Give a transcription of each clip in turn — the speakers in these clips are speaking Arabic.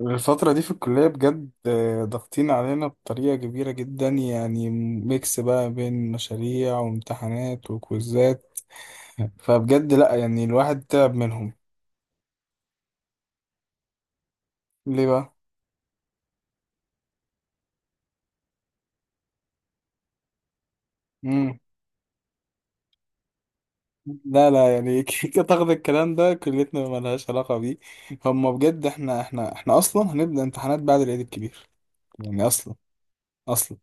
الفترة دي في الكلية بجد ضاغطين علينا بطريقة كبيرة جدا، يعني ميكس بقى بين مشاريع وامتحانات وكويزات. فبجد لأ، يعني الواحد تعب منهم. ليه بقى؟ مم. لا، لا، يعني كيكة تاخد الكلام ده، كليتنا ملهاش علاقة بيه. هما بجد احنا أصلا هنبدأ امتحانات بعد العيد الكبير. يعني أصلا. أصلا.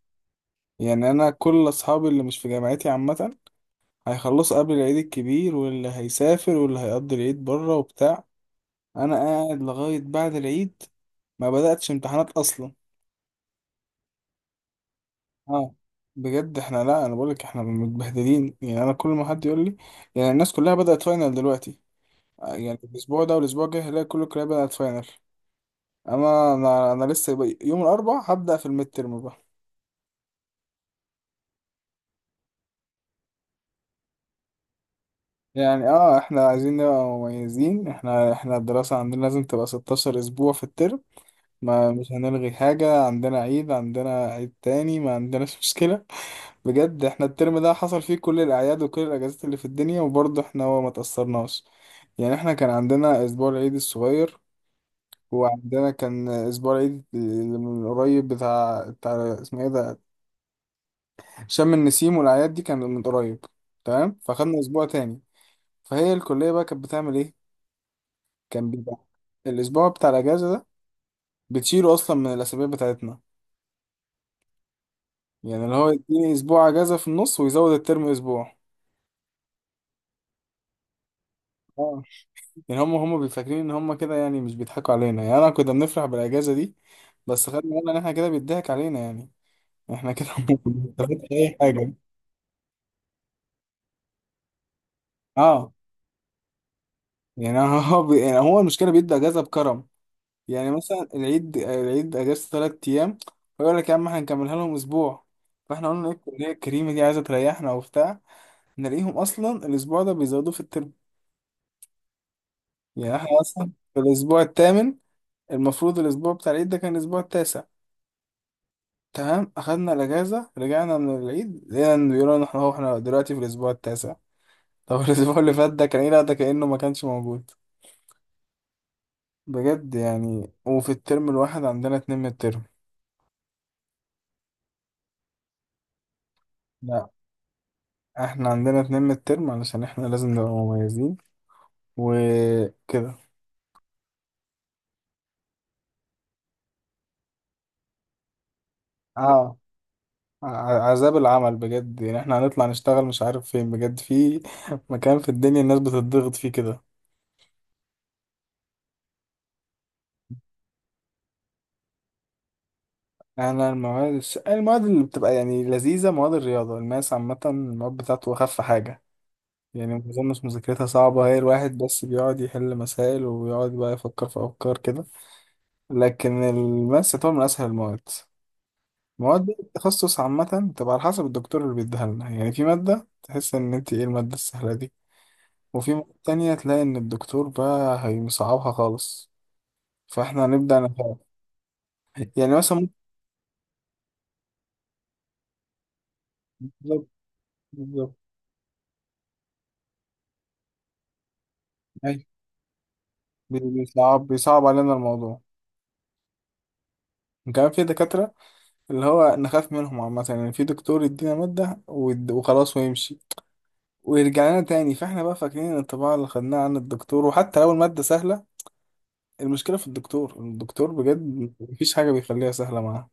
يعني أنا كل أصحابي اللي مش في جامعتي عامة هيخلصوا قبل العيد الكبير، واللي هيسافر واللي هيقضي العيد بره وبتاع. انا قاعد لغايه بعد العيد، ما بداتش امتحانات اصلا. اه. بجد احنا لا، انا بقولك احنا متبهدلين، يعني انا كل ما حد يقول لي، يعني الناس كلها بدات فاينل دلوقتي. آه، يعني الاسبوع ده والاسبوع الجاي هلاقي كل الكليه بدات فاينل. اما انا يوم الاربعاء هبدا في الميد ترم بقى. يعني احنا عايزين نبقى مميزين، احنا الدراسه عندنا لازم تبقى 16 اسبوع في الترم. ما مش هنلغي حاجه، عندنا عيد، عندنا عيد تاني، ما عندناش مشكله. بجد احنا الترم ده حصل فيه كل الأعياد وكل الأجازات اللي في الدنيا، وبرضه احنا هو ما تأثرناش. يعني احنا كان عندنا أسبوع العيد الصغير، وعندنا كان أسبوع العيد اللي من قريب، بتاع اسمه ايه ده، شم النسيم، والأعياد دي كان من قريب. تمام فخدنا أسبوع تاني. فهي الكلية بقى كانت بتعمل ايه؟ كان بيبقى الأسبوع بتاع الأجازة ده بتشيله أصلا من الأسابيع بتاعتنا، يعني اللي هو يديني أسبوع أجازة في النص ويزود الترم أسبوع. يعني هم بيفكرين ان هم كده، يعني مش بيضحكوا علينا، يعني انا كنا بنفرح بالاجازه دي. بس خدنا بالنا ان احنا كده بيضحك علينا، يعني احنا كده ما بنستفادش اي حاجه. اه، يعني يعني هو المشكله بيدوا اجازه بكرم. يعني مثلا العيد اجازه 3 ايام. فيقول لك يا عم هنكملها لهم اسبوع. فاحنا قلنا ايه الكليه الكريمه دي عايزه تريحنا وبتاع، نلاقيهم اصلا الاسبوع ده بيزودوه في الترم. يعني احنا اصلا في الاسبوع الثامن، المفروض الاسبوع بتاع العيد ده كان الاسبوع التاسع. تمام، اخدنا الاجازه رجعنا من العيد لقينا إن بيقولوا ان احنا هو احنا دلوقتي في الاسبوع التاسع. طب الاسبوع اللي فات ده كان ايه؟ لا ده كانه ما كانش موجود. بجد، يعني وفي الترم الواحد عندنا 2 من الترم. لا، احنا عندنا 2 من الترم علشان احنا لازم نبقى مميزين وكده. اه، عذاب العمل بجد، يعني احنا هنطلع نشتغل مش عارف فين، بجد في مكان في الدنيا الناس بتضغط فيه كده. انا المواد المواد اللي بتبقى يعني لذيذه، مواد الرياضه، الماس عامه المواد بتاعته اخف حاجه. يعني ما اظنش مذاكرتها صعبة، هي الواحد بس بيقعد يحل مسائل ويقعد بقى يفكر في أفكار كده. لكن الماس يعتبر من أسهل المواد. المواد دي التخصص عامة تبقى على حسب الدكتور اللي بيديها لنا، يعني في مادة تحس إن أنت إيه المادة السهلة دي، وفي مادة تانية تلاقي إن الدكتور بقى هيصعبها خالص. فإحنا هنبدأ نفهم. يعني مثلا ممكن. بالظبط، بالظبط. أيوة. بيصعب علينا الموضوع. كمان في دكاترة اللي هو نخاف منهم عامة، يعني في دكتور يدينا مادة وخلاص ويمشي ويرجع لنا تاني، فاحنا بقى فاكرين ان الطباعة اللي خدناها عن الدكتور، وحتى لو المادة سهلة المشكلة في الدكتور. الدكتور بجد مفيش حاجة بيخليها سهلة معاه.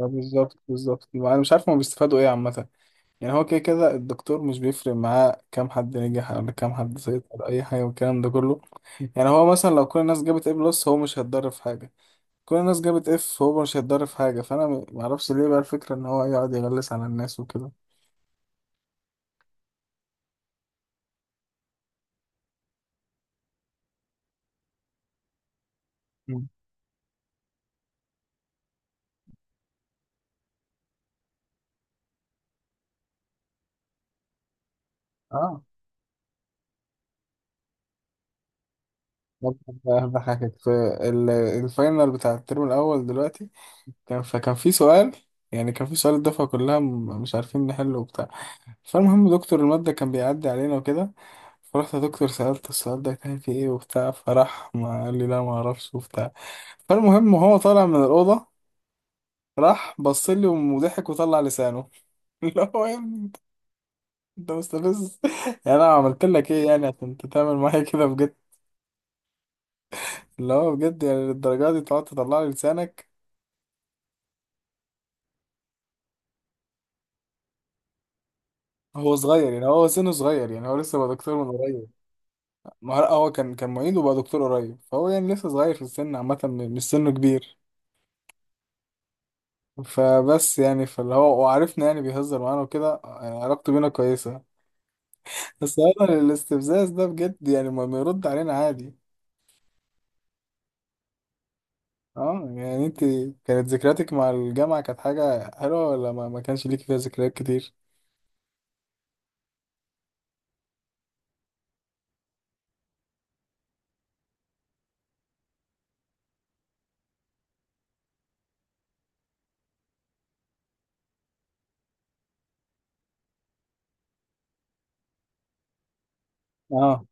اه، بالظبط، بالظبط، انا مش عارف هما بيستفادوا ايه عامة. يعني هو كده كده الدكتور مش بيفرق معاه كام حد نجح ولا كام حد سيطر اي حاجة، والكلام ده كله. يعني هو مثلا لو كل الناس جابت A بلس هو مش هيتضرر في حاجة، كل الناس جابت F هو مش هيتضرر في حاجة. فانا معرفش ليه بقى الفكرة ان هو يقعد يغلس على الناس وكده. مم. اه، بحكك في الفاينل بتاع الترم الأول دلوقتي. كان فكان في سؤال يعني كان في سؤال الدفعة كلها مش عارفين نحله وبتاع. فالمهم دكتور المادة كان بيعدي علينا وكده، فرحت يا دكتور سألت السؤال ده كان فيه ايه وبتاع، فراح ما قال لي لا ما اعرفش وبتاع. فالمهم هو طالع من الأوضة راح بص لي وضحك وطلع لسانه اللي هو يا ابني انت، أنت مستفز يعني انا عملت لك ايه يعني عشان انت تعمل معايا كده بجد؟ اللي هو بجد يعني للدرجة دي تقعد تطلع لي لسانك؟ هو صغير، يعني هو سنه صغير، يعني هو لسه بقى دكتور من قريب. ما هو لأ، هو كان معيد وبقى دكتور قريب، فهو يعني لسه صغير في السن عامة، مش سنه كبير. فبس يعني فاللي هو وعرفنا يعني بيهزر معانا وكده، يعني علاقته بينا كويسة. بس هو الاستفزاز ده بجد، يعني ما يرد علينا عادي. اه، يعني انت، كانت ذكرياتك مع الجامعة كانت حاجة حلوة، ولا ما كانش ليك فيها ذكريات كتير؟ اه.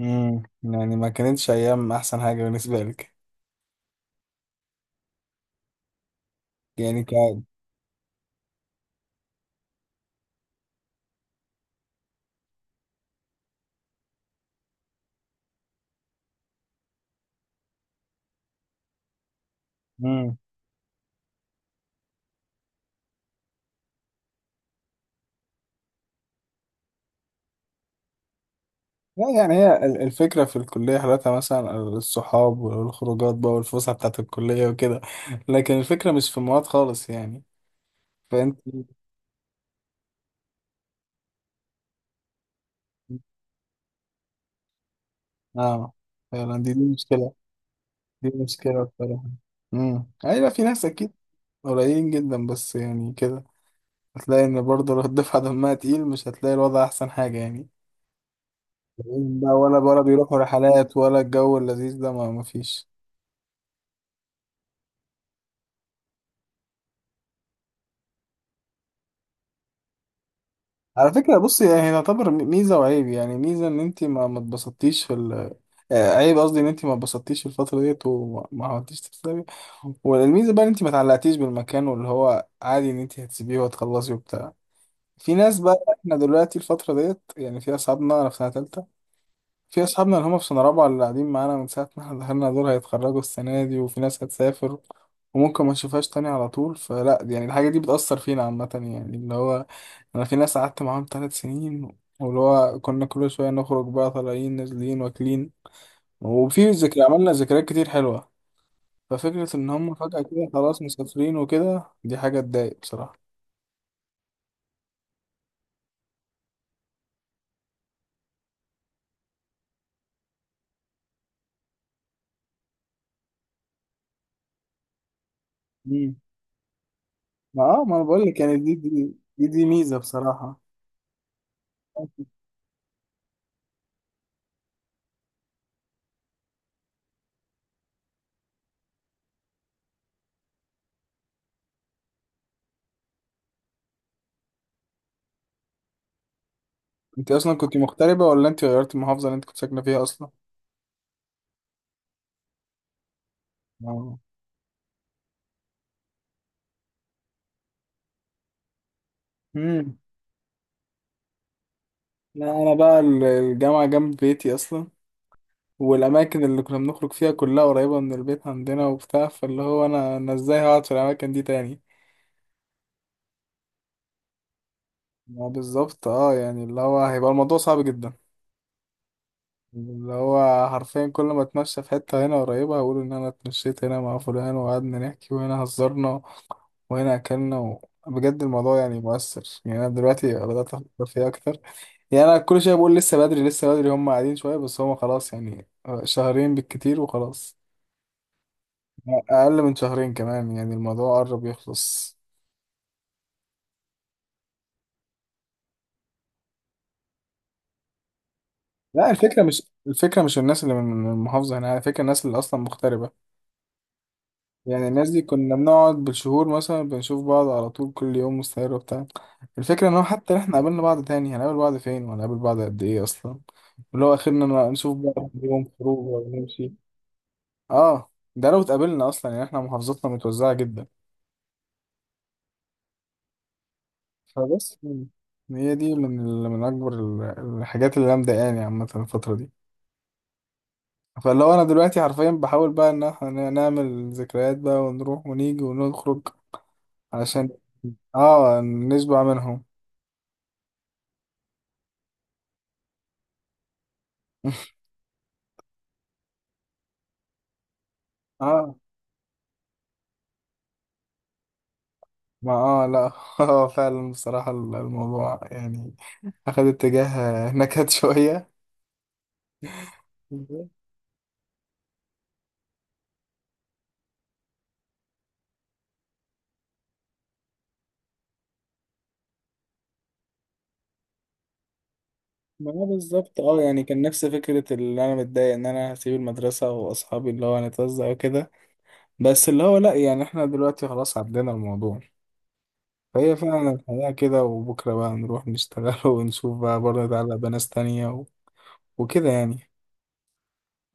يعني ما كانتش ايام احسن حاجة بالنسبة لك. يعني لا، يعني هي الفكرة في الكلية حالتها مثلا الصحاب والخروجات بقى والفسحة بتاعت الكلية وكده، لكن الفكرة مش في المواد خالص يعني. فأنت، اه، فعلا، دي مشكلة. دي مشكلة بصراحة. أيوة في ناس أكيد، قليلين جدا بس، يعني كده هتلاقي إن برضه لو الدفعة دمها تقيل مش هتلاقي الوضع أحسن حاجة يعني. تلاقيهم بقى ولا بيروحوا رحلات، ولا الجو اللذيذ ده ما فيش. على فكرة بصي، هي تعتبر ميزة وعيب، يعني ميزة إن أنت ما اتبسطتيش في ال آه، عيب قصدي إن أنت ما اتبسطتيش في الفترة ديت، وما ما عملتيش تسلمي. والميزة بقى إن أنت ما تعلقتيش بالمكان، واللي هو عادي إن أنت هتسيبيه وهتخلصي وبتاع. في ناس بقى إحنا دلوقتي الفترة ديت، يعني في أصحابنا، أنا في سنة تالتة، في أصحابنا اللي هم في سنة رابعة اللي قاعدين معانا من ساعة ما إحنا دخلنا دول هيتخرجوا السنة دي، وفي ناس هتسافر وممكن ما نشوفهاش تاني على طول. فلا، يعني الحاجة دي بتأثر فينا عامة، يعني اللي هو انا في ناس قعدت معاهم 3 سنين، واللي هو كنا كل شويه نخرج بقى، طالعين نازلين واكلين وفي ذكرى عملنا ذكريات كتير حلوه. ففكره ان هم فجاه كده خلاص مسافرين وكده، دي حاجه تضايق بصراحه. امم ما انا بقول لك، يعني دي ميزه بصراحه. انت اصلا كنت مغتربه، ولا انت غيرت المحافظه اللي انت كنت ساكنه فيها اصلا؟ اه. امم لا، انا بقى الجامعه جنب بيتي اصلا، والأماكن اللي كنا بنخرج فيها كلها قريبة من البيت عندنا وبتاع، فاللي هو أنا إزاي هقعد في الأماكن دي تاني. ما بالظبط، اه، يعني اللي هو هيبقى الموضوع صعب جدا. اللي هو حرفيا كل ما اتمشى في حتة هنا قريبة هقول إن أنا اتمشيت هنا مع فلان وقعدنا نحكي، وهنا هزرنا وهنا أكلنا بجد الموضوع يعني مؤثر، يعني أنا دلوقتي بدأت أفكر فيه أكتر. يعني أنا كل شوية بقول لسه بدري، لسه بدري، هم قاعدين شوية بس هم خلاص يعني. شهرين بالكتير وخلاص، اقل من شهرين كمان، يعني الموضوع قرب يخلص. لا، الفكره مش الفكره مش الناس اللي من المحافظه هنا، الفكره الناس اللي اصلا مغتربه. يعني الناس دي كنا بنقعد بالشهور مثلا بنشوف بعض على طول كل يوم مستمر وبتاع، الفكره ان هو حتى احنا قابلنا بعض تاني هنقابل بعض فين وهنقابل بعض قد ايه اصلا، اللي هو اخرنا نشوف بعض يوم خروج ولا نمشي. اه ده لو اتقابلنا اصلا، يعني احنا محافظتنا متوزعه جدا. فبس، هي دي من من اكبر الحاجات اللي انا مضايقاني عامه الفتره دي. فاللي هو انا دلوقتي حرفيا بحاول بقى ان احنا نعمل ذكريات بقى ونروح ونيجي ونخرج علشان اه نشبع منهم. اه، ما اه لا، اه فعلا بصراحة الموضوع يعني اخد اتجاه نكد شوية. ما هو بالظبط، اه، يعني كان نفس فكرة اللي انا متضايق ان انا هسيب المدرسة واصحابي اللي هو هنتوزع وكده، بس اللي هو لا، يعني احنا دلوقتي خلاص عدينا الموضوع. فهي فعلا الحياة كده، وبكرة بقى نروح نشتغل ونشوف بقى برضه نتعلق بناس تانية وكده يعني.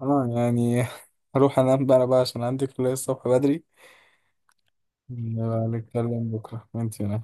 اه، يعني هروح انام بقى عشان عندي كلية الصبح بدري. نبقى نتكلم بكرة وانتي نايم.